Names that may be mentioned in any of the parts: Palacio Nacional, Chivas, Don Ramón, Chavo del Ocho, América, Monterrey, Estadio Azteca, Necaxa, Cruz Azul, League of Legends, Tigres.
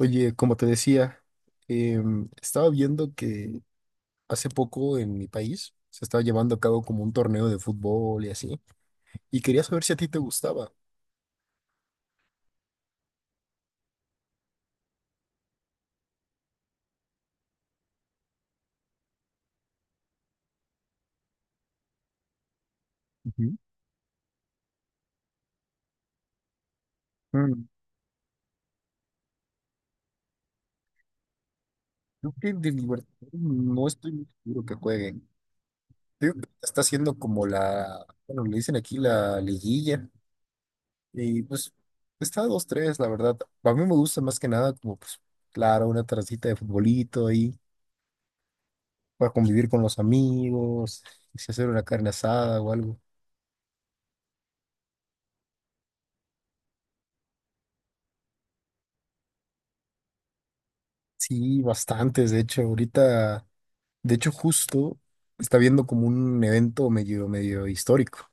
Oye, como te decía, estaba viendo que hace poco en mi país se estaba llevando a cabo como un torneo de fútbol y así, y quería saber si a ti te gustaba. Ujú. Mm, Creo que de Libertadores no estoy muy seguro que jueguen. Creo que está haciendo como la, bueno, le dicen aquí la liguilla, y pues está dos tres, la verdad. A mí me gusta más que nada como, pues, claro, una tardecita de futbolito ahí, para convivir con los amigos, si hacer una carne asada o algo. Sí, bastantes. De hecho, ahorita, de hecho, justo está viendo como un evento medio, medio histórico.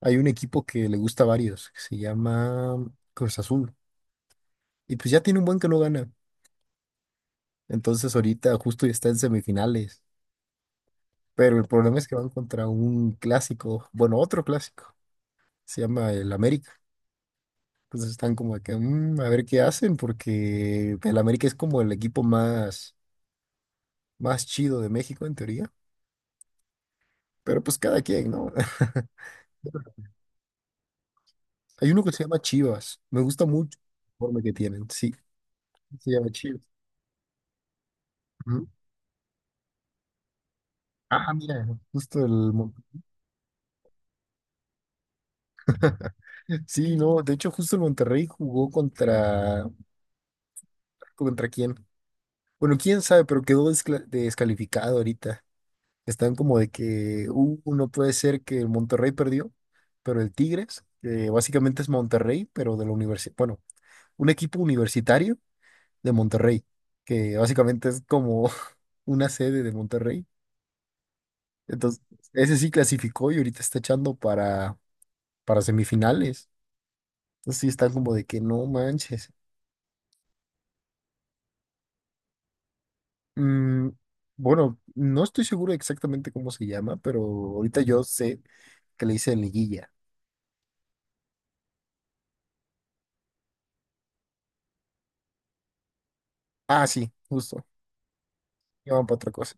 Hay un equipo que le gusta a varios, que se llama Cruz Azul. Y pues ya tiene un buen que no gana. Entonces ahorita justo ya está en semifinales. Pero el problema es que van contra un clásico, bueno, otro clásico. Se llama el América. Entonces están como de que, "Mm, a ver qué hacen, porque el América es como el equipo más, más chido de México en teoría. Pero pues cada quien, ¿no? Hay uno que se llama Chivas. Me gusta mucho el uniforme que tienen. Sí, se llama Chivas. Ujú. Ah, mira, justo el... Mon- Sí, no, de hecho justo el Monterrey jugó contra... ¿Contra quién? Bueno, quién sabe, pero quedó descalificado ahorita. Están como de que, no puede ser que el Monterrey perdió, pero el Tigres, que básicamente es Monterrey, pero de la universidad, bueno, un equipo universitario de Monterrey, que básicamente es como una sede de Monterrey. Entonces, ese sí clasificó y ahorita está echando para semifinales. Entonces sí está como de que no manches. Mm, bueno, no estoy seguro exactamente cómo se llama, pero ahorita yo sé que le hice liguilla. Ah, sí, justo. Llaman para otra cosa.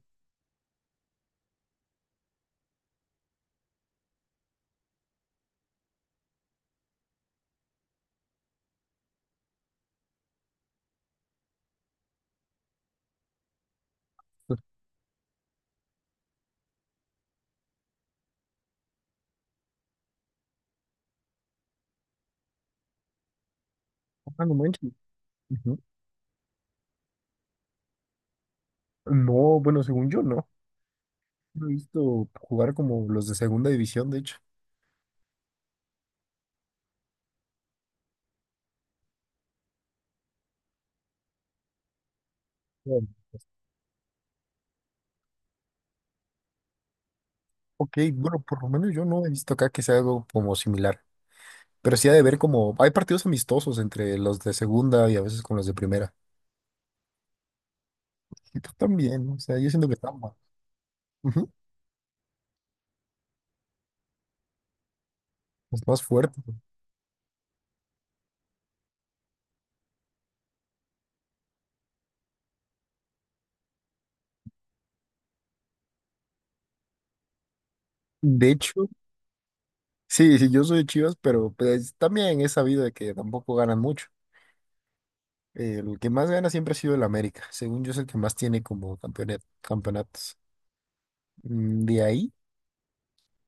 Ah, no manches. Ujú. No, bueno, según yo no. No he visto jugar como los de segunda división, de hecho. Bueno, pues, ok, bueno, por lo menos yo no he visto acá que sea algo como similar. Pero sí ha de ver como, hay partidos amistosos entre los de segunda y a veces con los de primera. Y tú también, o sea, yo siento que está más, ujú, es más fuerte. De hecho, sí, sí, yo soy de Chivas, pero pues también he sabido de que tampoco ganan mucho. El que más gana siempre ha sido el América, según yo es el que más tiene como campeonatos. De ahí,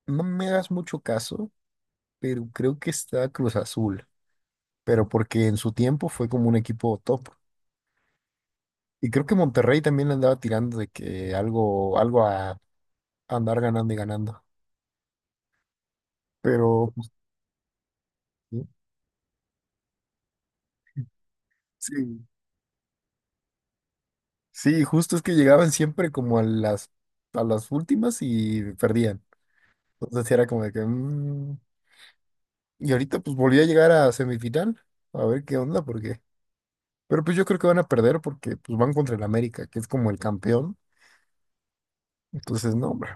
no me hagas mucho caso, pero creo que está Cruz Azul, pero porque en su tiempo fue como un equipo top. Y creo que Monterrey también le andaba tirando de que algo, algo a andar ganando y ganando. Pero pues, sí, sí. Sí, justo es que llegaban siempre como a las últimas y perdían. Entonces sí era como de que... Y ahorita pues volví a llegar a semifinal, a ver qué onda, porque... Pero pues yo creo que van a perder porque pues van contra el América, que es como el campeón. Entonces, no, hombre.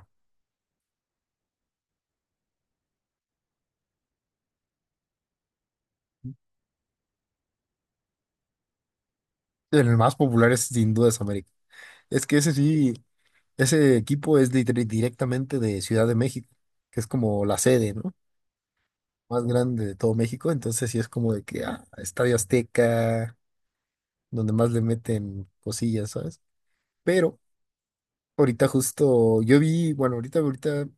El más popular es sin duda es América. Es que ese sí, ese equipo es directamente de Ciudad de México, que es como la sede, ¿no? Más grande de todo México, entonces sí es como de que ah, Estadio Azteca, donde más le meten cosillas, ¿sabes? Pero ahorita justo yo vi, bueno, ahorita ahorita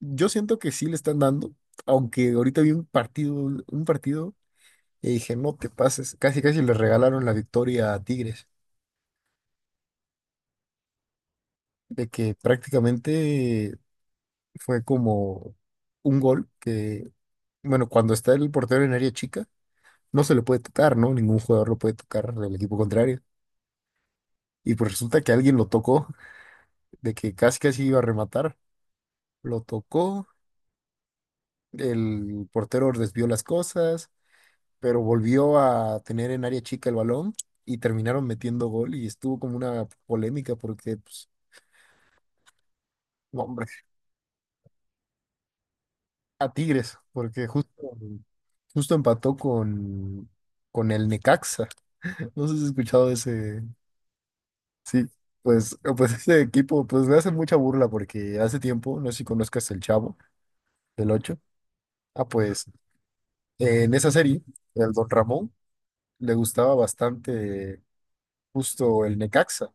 yo siento que sí le están dando, aunque ahorita vi un partido y dije, "No te pases", casi casi le regalaron la victoria a Tigres, de que prácticamente fue como un gol que bueno, cuando está el portero en área chica, no se le puede tocar, ¿no? Ningún jugador lo puede tocar del equipo contrario. Y pues resulta que alguien lo tocó, de que casi casi iba a rematar. Lo tocó, el portero desvió las cosas, pero volvió a tener en área chica el balón y terminaron metiendo gol y estuvo como una polémica porque, pues, no, hombre, a Tigres, porque justo, justo empató con el Necaxa. No sé si has escuchado de ese... Sí, pues, pues ese equipo, pues me hacen mucha burla porque hace tiempo, no sé si conozcas el Chavo del ocho. Ah, pues en esa serie, el Don Ramón le gustaba bastante justo el Necaxa.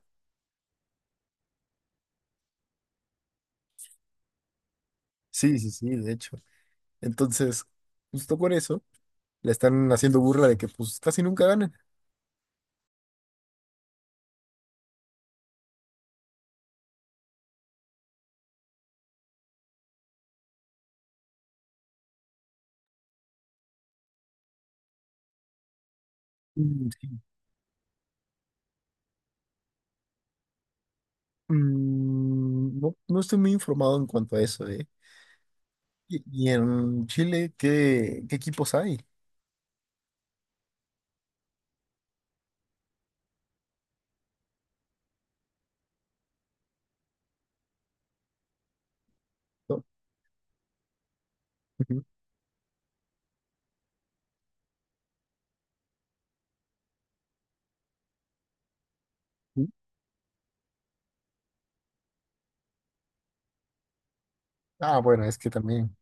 Sí, sí, sí, de hecho. Entonces, justo por eso, le están haciendo burla de que pues casi nunca ganan. Mm, sí. No, no estoy muy informado en cuanto a eso, ¿eh? Y, y en Chile, ¿qué, qué equipos hay? ¿No? Ujú. Ah, bueno, es que también.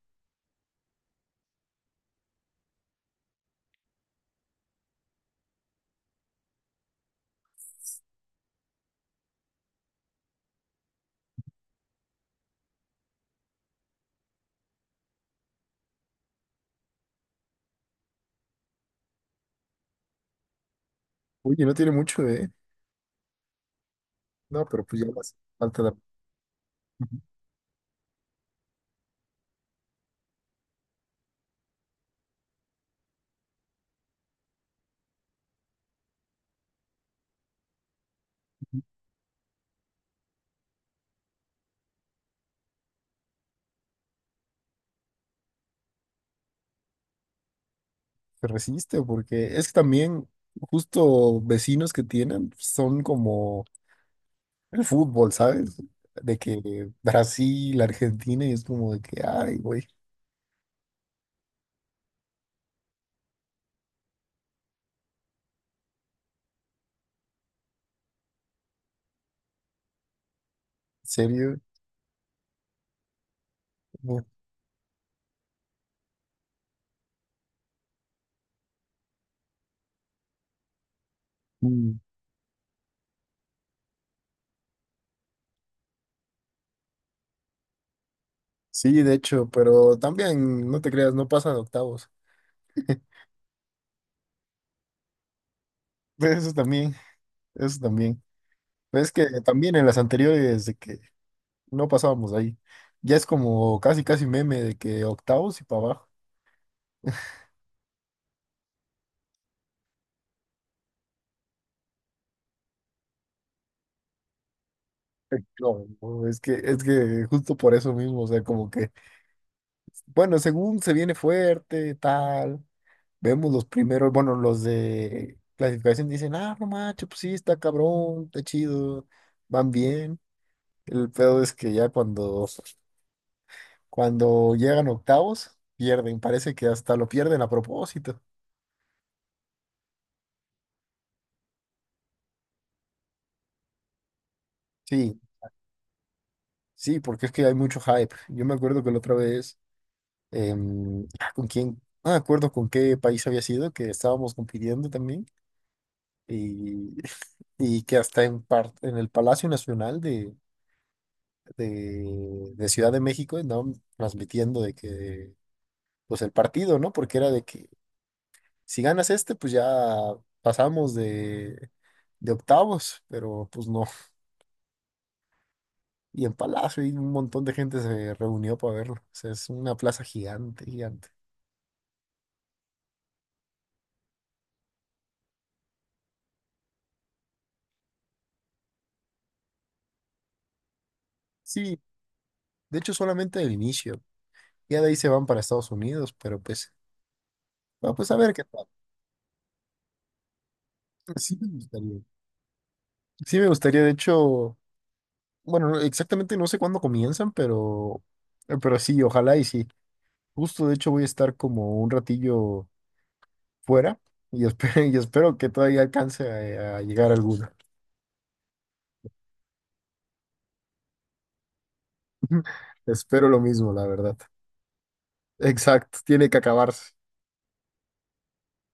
Oye, no tiene mucho, ¿eh? No, pero pues ya más falta la. Se resiste, porque es que también justo vecinos que tienen son como el fútbol, ¿sabes? De que Brasil, Argentina, y es como de que, ay, güey, ¿en serio? Como, mm, sí, de hecho, pero también, no te creas, no pasa de octavos. Eso también, eso también. Pero es que también en las anteriores de que no pasábamos de ahí, ya es como casi, casi meme de que octavos y para abajo. No, no, es que justo por eso mismo, o sea, como que bueno, según se viene fuerte, tal, vemos los primeros, bueno, los de clasificación dicen, ah, no macho, pues sí, está cabrón, está chido, van bien. El pedo es que ya cuando, cuando llegan octavos, pierden, parece que hasta lo pierden a propósito. Sí, sí, porque es que hay mucho hype. Yo me acuerdo que la otra vez, ¿con quién? No me acuerdo con qué país había sido, que estábamos compitiendo también, y, y que hasta en, en el Palacio Nacional de Ciudad de México andaban transmitiendo de que, pues el partido, ¿no? Porque era de que si ganas este, pues ya pasamos de octavos, pero pues no. Y en Palacio y un montón de gente se reunió para verlo. O sea, es una plaza gigante, gigante. Sí, de hecho solamente el inicio. Ya de ahí se van para Estados Unidos, pero pues, bueno, pues a ver qué tal. Sí me gustaría. Sí me gustaría, de hecho, bueno, no- exactamente no sé cuándo comienzan, pero sí, ojalá y sí. Justo, de hecho, voy a estar como un ratillo fuera y espero, y espero que todavía alcance a llegar alguna. Espero lo mismo, la verdad. Exacto, tiene que acabarse.